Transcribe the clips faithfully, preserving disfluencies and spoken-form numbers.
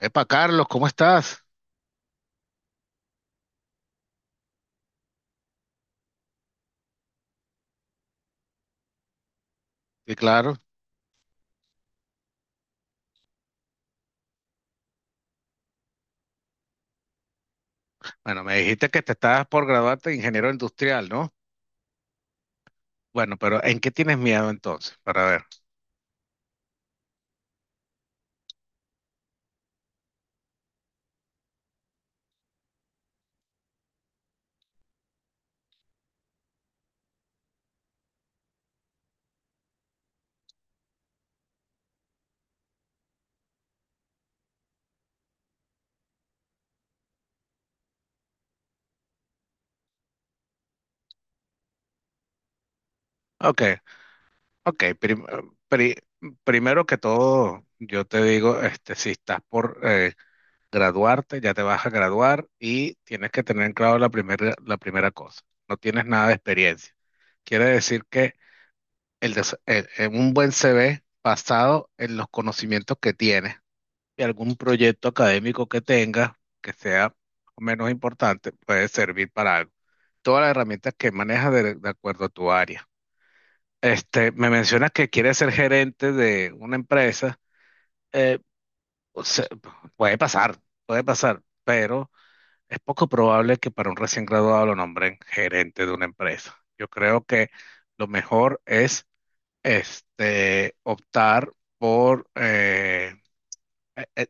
Epa, Carlos, ¿cómo estás? Sí, claro. Bueno, me dijiste que te estabas por graduarte de ingeniero industrial, ¿no? Bueno, pero ¿en qué tienes miedo entonces? Para ver. Ok, ok. prim- pri- Primero que todo, yo te digo, este, si estás por eh, graduarte, ya te vas a graduar y tienes que tener en claro la primera, la primera cosa. No tienes nada de experiencia. Quiere decir que el des- el- en un buen C V basado en los conocimientos que tienes y algún proyecto académico que tengas que sea menos importante puede servir para algo. Todas las herramientas que manejas de, de acuerdo a tu área. Este, me mencionas que quieres ser gerente de una empresa. eh, o sea, puede pasar, puede pasar, pero es poco probable que para un recién graduado lo nombren gerente de una empresa. Yo creo que lo mejor es este, optar por eh, eh, eh,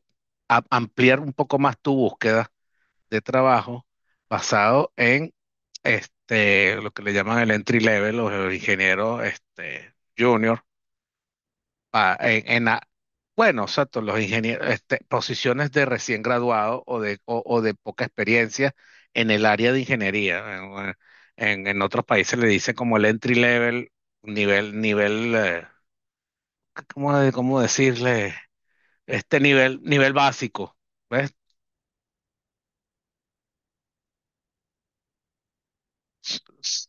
a- ampliar un poco más tu búsqueda de trabajo basado en este, lo que le llaman el entry level, los ingenieros este, junior, pa- en, en a- bueno, exacto, los ingenieros, este, posiciones de recién graduado o de, o, o de poca experiencia en el área de ingeniería. En, eh, en- en otros países le dicen como el entry level, nivel, nivel, eh, ¿cómo, de- ¿cómo decirle? Este nivel, nivel básico. ¿Ves? s-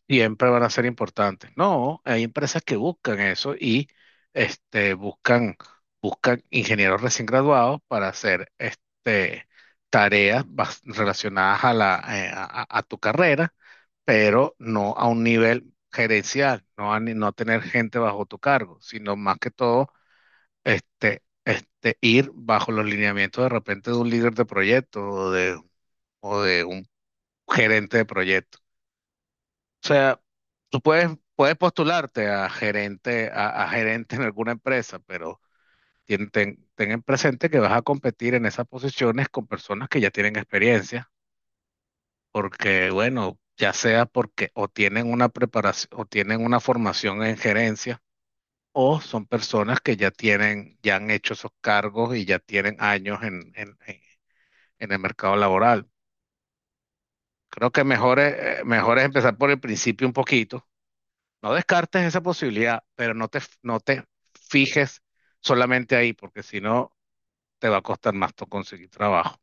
Siempre van a ser importantes. No, hay empresas que buscan eso y este, buscan, buscan ingenieros recién graduados para hacer este, tareas bas- relacionadas a, la, eh, a, a- a tu carrera, pero no a un nivel gerencial, no a ni- no tener gente bajo tu cargo, sino más que todo este, este, ir bajo los lineamientos de repente de un líder de proyecto o de, o de un gerente de proyecto. O sea, tú puedes, puedes postularte a gerente, a, a gerente en alguna empresa, pero tien- ten, ten en presente que vas a competir en esas posiciones con personas que ya tienen experiencia, porque bueno, ya sea porque o tienen una preparación o tienen una formación en gerencia, o son personas que ya tienen, ya han hecho esos cargos y ya tienen años en, en, en en el mercado laboral. Creo que mejor es, eh, mejor es empezar por el principio un poquito. No descartes esa posibilidad, pero no te, no te fijes solamente ahí, porque si no, te va a costar más to- conseguir trabajo.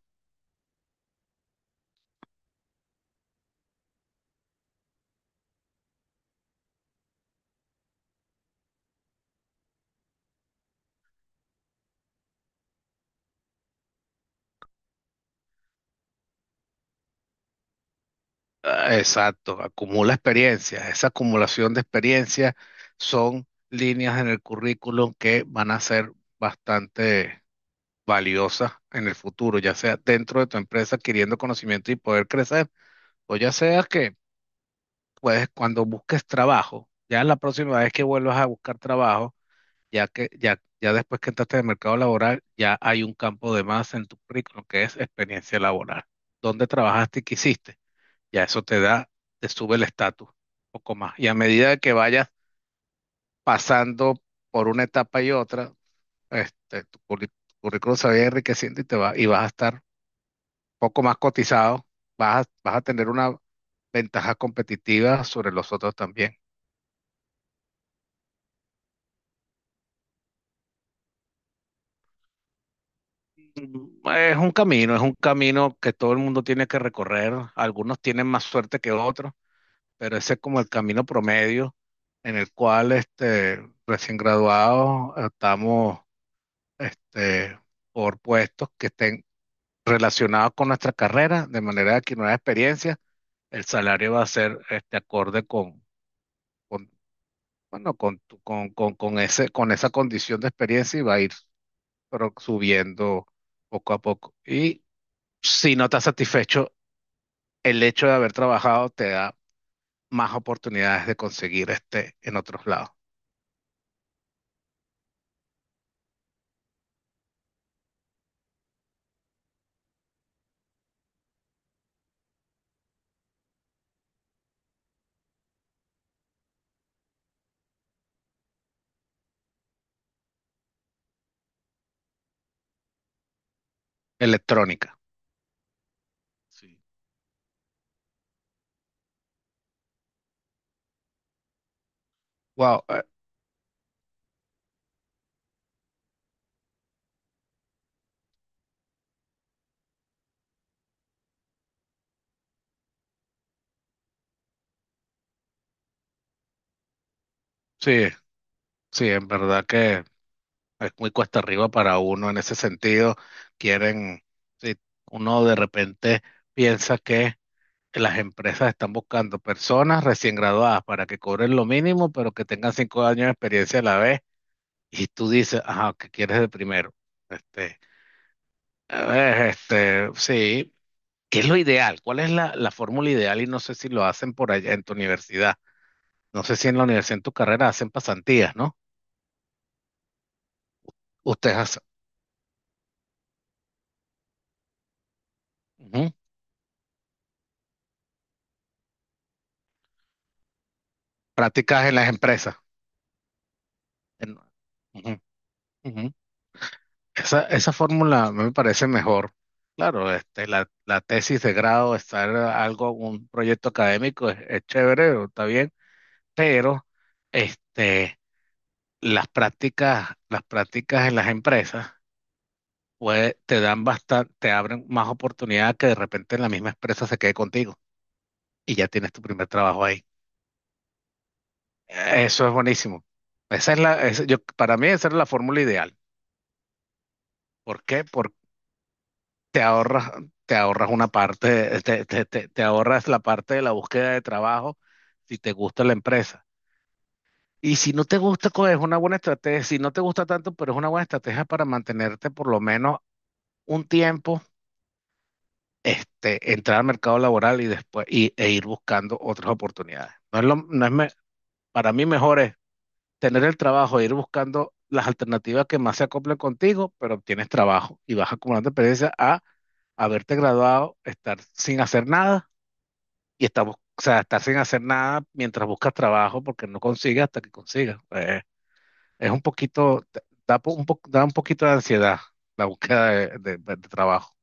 Ah, exacto, acumula experiencias. Esa acumulación de experiencias son líneas en el currículum que van a ser bastante valiosas en el futuro, ya sea dentro de tu empresa adquiriendo conocimiento y poder crecer, o ya sea que, pues, cuando busques trabajo, ya la próxima vez que vuelvas a buscar trabajo, ya que ya, ya después que entraste en el mercado laboral, ya hay un campo de más en tu currículum que es experiencia laboral. ¿Dónde trabajaste y qué hiciste? Ya eso te da, Te sube el estatus un poco más. Y a medida de que vayas pasando por una etapa y otra, este, tu curri- tu currículum se va a ir enriqueciendo y te va, y vas a estar un poco más cotizado, vas a, vas a tener una ventaja competitiva sobre los otros también. Es un camino, es un camino que todo el mundo tiene que recorrer. Algunos tienen más suerte que otros, pero ese es como el camino promedio en el cual este, recién graduados estamos este, por puestos que estén relacionados con nuestra carrera, de manera que nueva experiencia, el salario va a ser este, acorde con, con, bueno, con, tu- con, con, con ese, con esa condición de experiencia y va a ir pero, subiendo poco a poco. Y si no estás satisfecho, el hecho de haber trabajado te da más oportunidades de conseguir este en otros lados. Electrónica. Sí. Wow, eh, sí, sí, en verdad que es muy cuesta arriba para uno en ese sentido. Quieren, sí, uno de repente piensa que las empresas están buscando personas recién graduadas para que cobren lo mínimo, pero que tengan cinco años de experiencia a la vez. Y tú dices, ajá, ¿qué quieres de primero? Este, a ver, este, sí, ¿qué es lo ideal? ¿Cuál es la, la fórmula ideal? Y no sé si lo hacen por allá en tu universidad. No sé si en la universidad, en tu carrera, hacen pasantías, ¿no? Ustedes hacen ujú, prácticas en las empresas. En- ujú, ujú. Esa, esa fórmula a mí me parece mejor. Claro, este, la, la tesis de grado, estar algo, un proyecto académico es, es chévere, está bien, pero este, las prácticas, las prácticas en las empresas puede- te dan bastante, te abren más oportunidad que de repente en la misma empresa se quede contigo y ya tienes tu primer trabajo ahí. Eh, Eso es buenísimo. Esa es la, esa- Yo, para mí esa es la fórmula ideal. ¿Por qué? Porque te ahorras, te ahorras una parte, te, te- te- te ahorras la parte de la búsqueda de trabajo si te gusta la empresa. Y si no te gusta, co- es una buena estrategia. Si no te gusta tanto, pero es una buena estrategia para mantenerte por lo menos un tiempo, este, entrar al mercado laboral y después y, e ir buscando otras oportunidades. No es lo, no es me- Para mí mejor es tener el trabajo, e ir buscando las alternativas que más se acoplen contigo, pero obtienes trabajo y vas acumulando experiencia a haberte graduado, estar sin hacer nada y estar, bus- o sea, estar sin hacer nada mientras buscas trabajo porque no consigues hasta que consigas. Eh, es un poquito, te- da po- un, po- da un poquito de ansiedad la búsqueda de, de- de trabajo.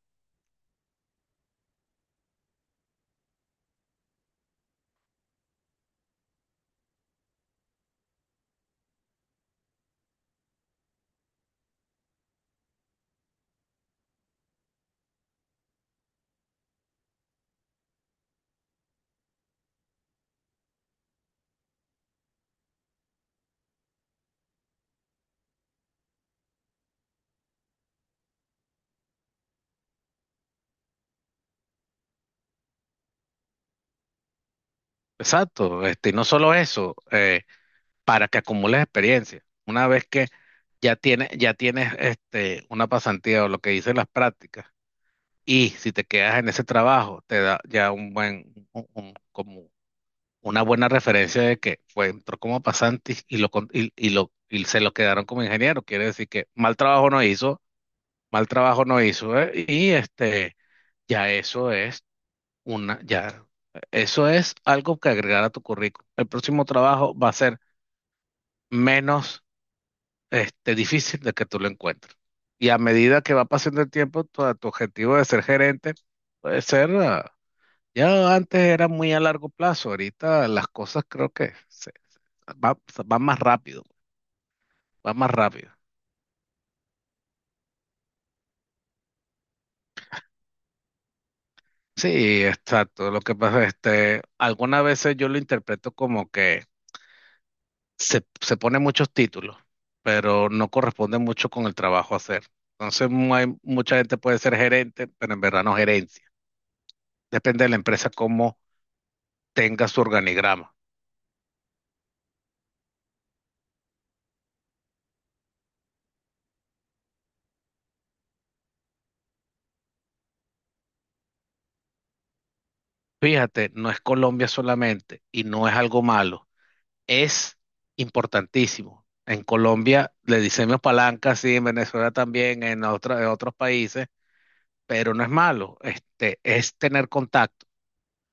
Exacto, este, y no solo eso. Eh, para que acumules experiencia. Una vez que ya tienes, ya tienes este, una pasantía o lo que dicen las prácticas, y si te quedas en ese trabajo, te da ya un buen, un- un- como una buena referencia de que fue, entró como pasante y lo, con- y, y lo, y se lo quedaron como ingeniero. Quiere decir que mal trabajo no hizo, mal trabajo no hizo, ¿eh? Y este, ya eso es una, ya, eso es algo que agregar a tu currículum. El próximo trabajo va a ser menos este, difícil de que tú lo encuentres. Y a medida que va pasando el tiempo, tu, tu objetivo de ser gerente puede ser, ah, ya antes era muy a largo plazo, ahorita las cosas creo que se, va, van más rápido, va más rápido. Sí, exacto. Lo que pasa, este, algunas veces yo lo interpreto como que se, se pone muchos títulos, pero no corresponde mucho con el trabajo a hacer. Entonces, mu- hay, mucha gente puede ser gerente, pero en verdad no gerencia. Depende de la empresa cómo tenga su organigrama. Fíjate, no es Colombia solamente y no es algo malo, es importantísimo. En Colombia le decimos palanca, sí, en Venezuela también, en, otra- en otros países, pero no es malo, este, es tener contacto.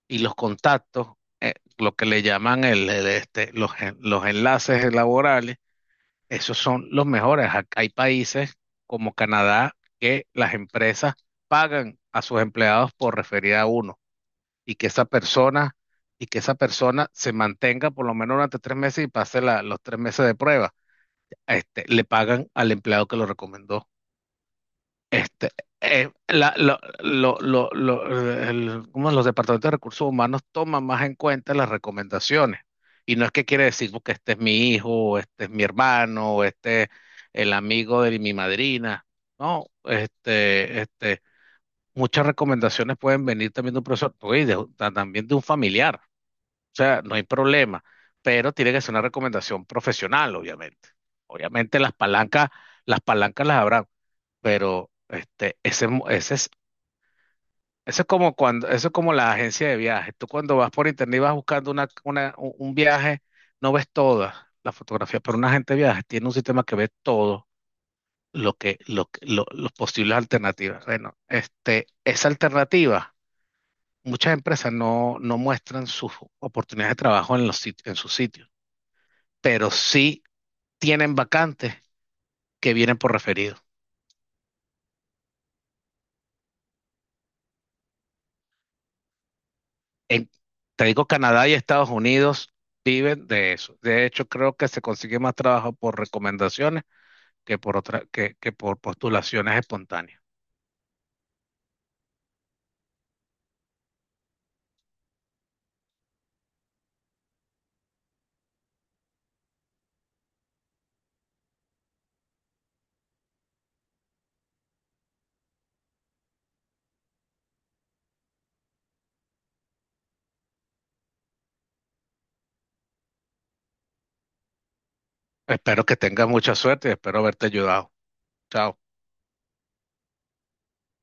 Y los contactos, eh, lo que le llaman el, el, este, los, en- los enlaces laborales, esos son los mejores. Ha- Hay países como Canadá que las empresas pagan a sus empleados por referir a uno. y que esa persona, y que esa persona se mantenga por lo menos durante tres meses y pase la- los tres meses de prueba. Este, le pagan al empleado que lo recomendó. Este, eh, la- lo- lo- lo- lo- el- ¿cómo es? Los departamentos de recursos humanos toman más en cuenta las recomendaciones. Y no es que quiere decir que este es mi hijo, o este es mi hermano, o este es el amigo de mi madrina. No, este, este, muchas recomendaciones pueden venir también de un profesor, oye, de- ta- también de un familiar. O sea, no hay problema, pero tiene que ser una recomendación profesional, obviamente. Obviamente las palancas, las palancas las habrán, pero este, ese, mo- ese es, eso es como cuando, eso es como la agencia de viajes. Tú cuando vas por internet y vas buscando una, una- un un viaje, no ves todas las fotografías, pero una agente de viajes tiene un sistema que ve todo lo que, lo, que- lo, los posibles alternativas. Bueno, este, esa alternativa, muchas empresas no, no muestran sus oportunidades de trabajo en los sit- en sus sitios, pero sí tienen vacantes que vienen por referido. En, Te digo, Canadá y Estados Unidos viven de eso. De hecho, creo que se consigue más trabajo por recomendaciones que por otra, que, que por postulaciones espontáneas. Espero que tengas mucha suerte y espero haberte ayudado. Chao.